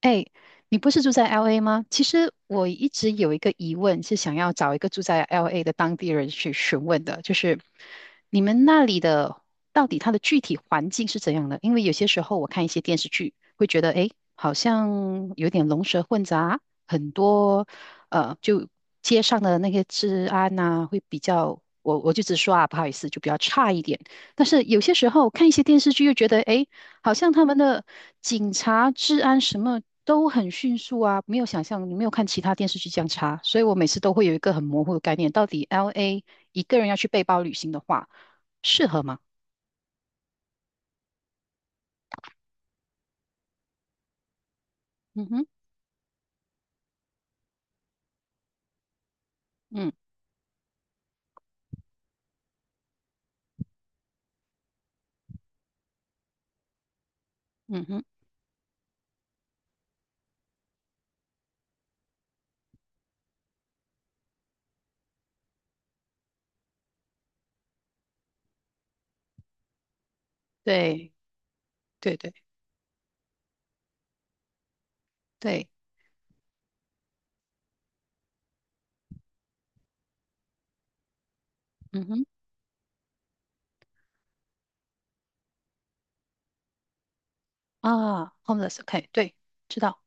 哎，你不是住在 LA 吗？其实我一直有一个疑问，是想要找一个住在 LA 的当地人去询问的，就是你们那里的到底它的具体环境是怎样的？因为有些时候我看一些电视剧，会觉得哎，诶好像有点龙蛇混杂，很多就街上的那些治安呐、会比较，我就直说啊，不好意思，就比较差一点。但是有些时候看一些电视剧，又觉得哎，诶好像他们的警察、治安什么都很迅速啊，没有想象，你没有看其他电视剧这样查，所以我每次都会有一个很模糊的概念，到底 LA 一个人要去背包旅行的话，适合吗？嗯哼，嗯嗯哼，对对对对，嗯哼啊，homeless，OK，对，知道，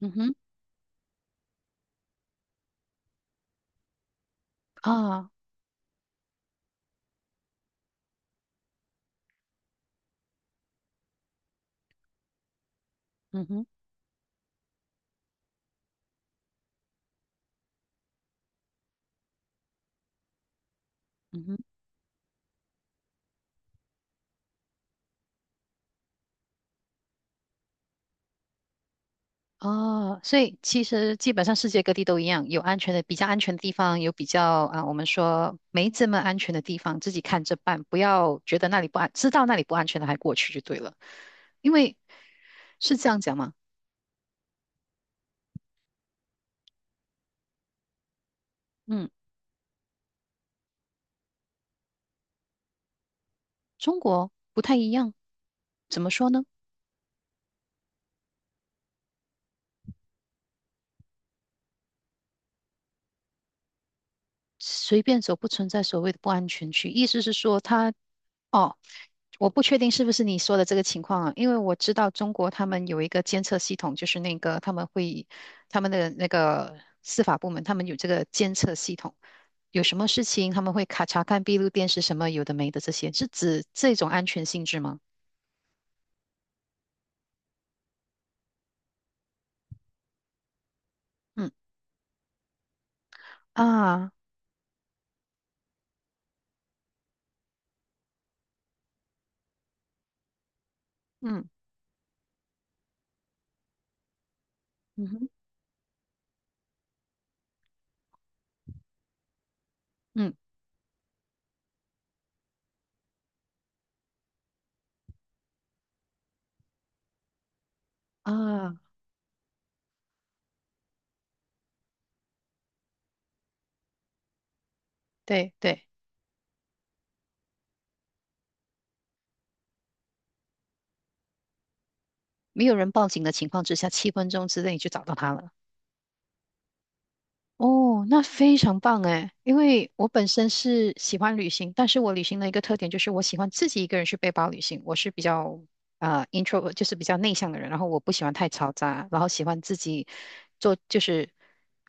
嗯哼啊，嗯哼嗯哼。哦，所以其实基本上世界各地都一样，有安全的，比较安全的地方，有比较啊、我们说没这么安全的地方，自己看着办，不要觉得那里不安，知道那里不安全的还过去就对了，因为是这样讲嘛。嗯，中国不太一样，怎么说呢？随便走不存在所谓的不安全区，意思是说他哦，我不确定是不是你说的这个情况啊，因为我知道中国他们有一个监测系统，就是那个他们会他们的那个司法部门，他们有这个监测系统，有什么事情他们会卡查看闭路电视什么有的没的这些，是指这种安全性质吗？嗯啊，嗯嗯哼嗯啊，对对，没有人报警的情况之下，7分钟之内就找到他了。哦，那非常棒诶，因为我本身是喜欢旅行，但是我旅行的一个特点就是我喜欢自己一个人去背包旅行。我是比较intro，就是比较内向的人，然后我不喜欢太嘈杂，然后喜欢自己做，就是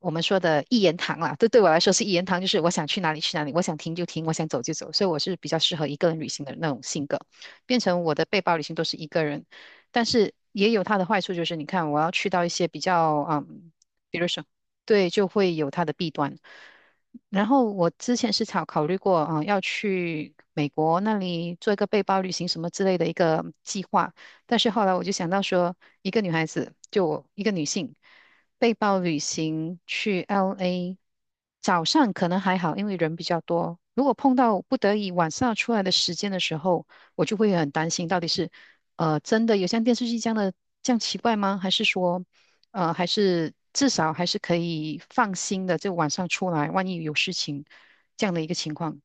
我们说的一言堂啦。这对我来说是一言堂，就是我想去哪里去哪里，我想停就停，我想走就走。所以我是比较适合一个人旅行的那种性格，变成我的背包旅行都是一个人。但是也有它的坏处，就是你看，我要去到一些比较嗯。比如说。对，就会有它的弊端。然后我之前是考虑过，啊、要去美国那里做一个背包旅行什么之类的一个计划，但是后来我就想到说，一个女孩子，就我一个女性，背包旅行去 LA，早上可能还好，因为人比较多。如果碰到不得已晚上出来的时间的时候，我就会很担心，到底是真的有像电视剧这样的这样奇怪吗？还是说？还是至少还是可以放心的，就晚上出来，万一有事情这样的一个情况。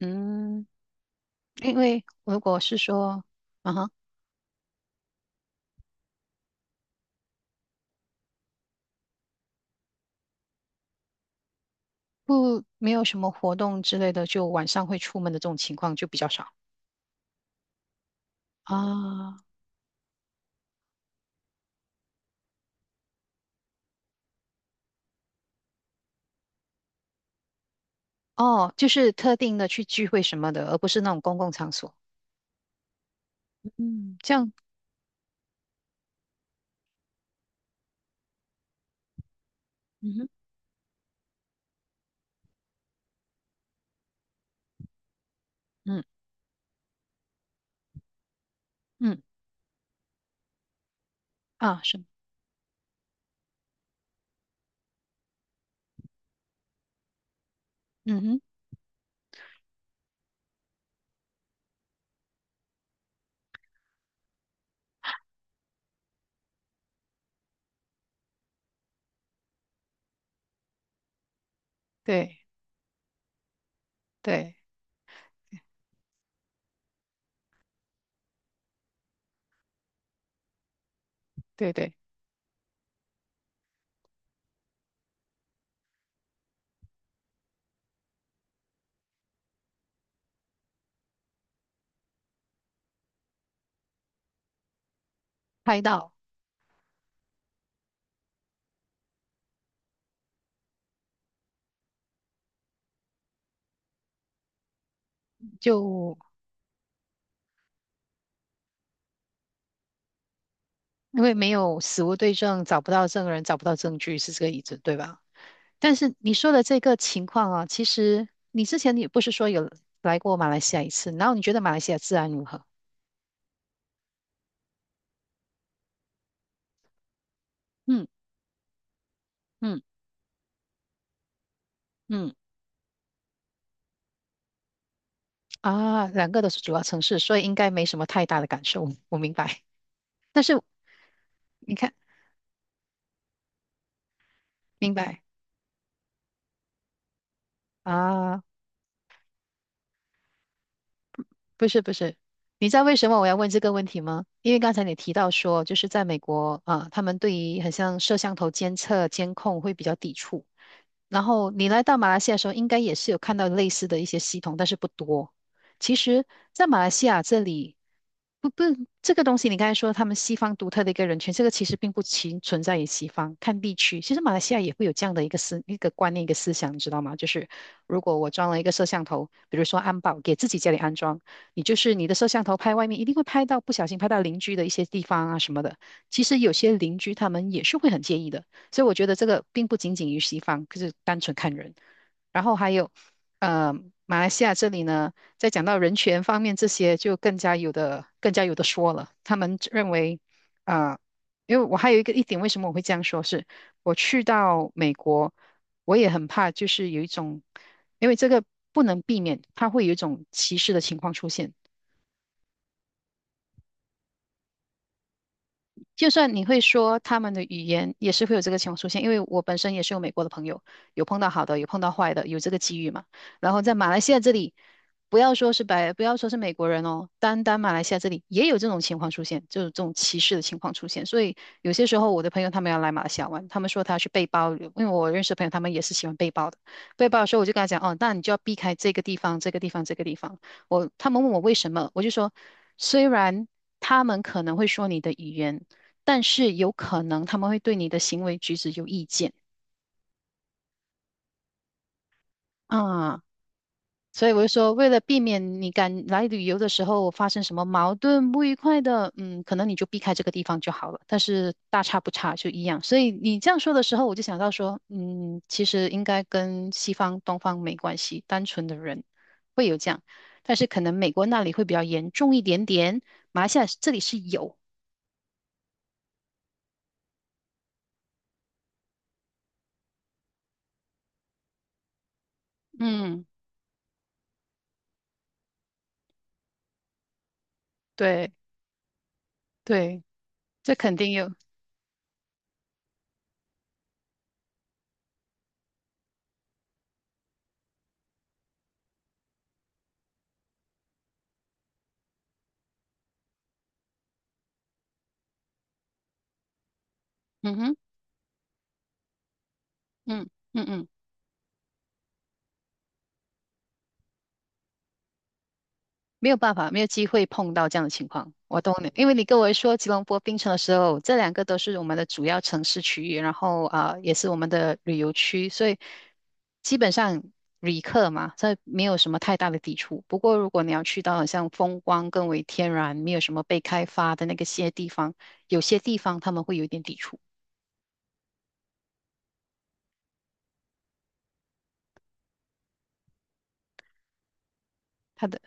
嗯，因为如果是说，啊哈，不，没有什么活动之类的，就晚上会出门的这种情况就比较少啊。哦，就是特定的去聚会什么的，而不是那种公共场所。嗯，这样，嗯哼，嗯嗯啊，是，嗯哼，对对对对，拍到。就。因为没有死无对证，找不到证人，找不到证据，是这个意思，对吧？但是你说的这个情况啊，其实你之前也不是说有来过马来西亚一次，然后你觉得马来西亚治安如何？嗯嗯嗯，啊，两个都是主要城市，所以应该没什么太大的感受，我明白。但是你看，明白啊？不是不是，你知道为什么我要问这个问题吗？因为刚才你提到说，就是在美国啊，他们对于很像摄像头监测、监控会比较抵触。然后你来到马来西亚的时候，应该也是有看到类似的一些系统，但是不多。其实，在马来西亚这里，不不，这个东西你刚才说他们西方独特的一个人群，这个其实并不其存在于西方，看地区。其实马来西亚也会有这样的一个思一个观念一个思想，你知道吗？就是如果我装了一个摄像头，比如说安保，给自己家里安装。你就是你的摄像头拍外面，一定会拍到不小心拍到邻居的一些地方啊什么的。其实有些邻居他们也是会很介意的，所以我觉得这个并不仅仅于西方，就是单纯看人。然后还有，呃，马来西亚这里呢，在讲到人权方面这些，就更加有的更加有的说了。他们认为，啊、因为我还有一个一点，为什么我会这样说是，我去到美国，我也很怕，就是有一种因为这个不能避免，它会有一种歧视的情况出现。就算你会说他们的语言，也是会有这个情况出现。因为我本身也是有美国的朋友，有碰到好的，有碰到坏的，有这个机遇嘛。然后在马来西亚这里，不要说是白，不要说是美国人哦，单单马来西亚这里也有这种情况出现，就是这种歧视的情况出现。所以有些时候我的朋友他们要来马来西亚玩，他们说他去背包旅游，因为我认识的朋友他们也是喜欢背包的。背包的时候我就跟他讲，哦，那你就要避开这个地方、这个地方、这个地方。我他们问我为什么，我就说，虽然他们可能会说你的语言。但是有可能他们会对你的行为举止有意见啊。所以我就说，为了避免你敢来旅游的时候发生什么矛盾、不愉快的，嗯，可能你就避开这个地方就好了。但是大差不差就一样。所以你这样说的时候，我就想到说，嗯，其实应该跟西方、东方没关系，单纯的人会有这样，但是可能美国那里会比较严重一点点，马来西亚这里是有，嗯，对对，这肯定有，嗯哼，嗯嗯嗯。没有办法，没有机会碰到这样的情况。我懂你，因为你跟我说吉隆坡、槟城的时候，这两个都是我们的主要城市区域，然后啊、呃也是我们的旅游区，所以基本上旅客嘛，这没有什么太大的抵触。不过如果你要去到很像风光更为天然、没有什么被开发的那个些地方，有些地方他们会有一点抵触。他的，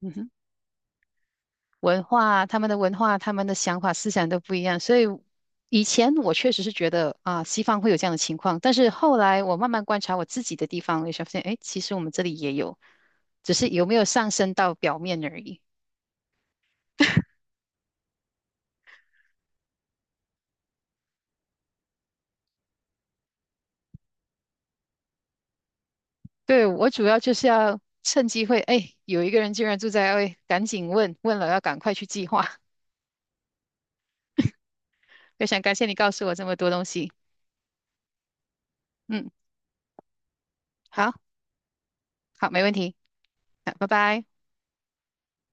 嗯哼。文化、他们的文化、他们的想法、思想都不一样，所以以前我确实是觉得啊，西方会有这样的情况，但是后来我慢慢观察我自己的地方，我就发现，哎，其实我们这里也有，只是有没有上升到表面而已。对，我主要就是要趁机会，哎，有一个人竟然住在 l A，赶紧问，问了要赶快去计划。非常感谢你告诉我这么多东西，嗯，好，好，没问题，好，拜拜。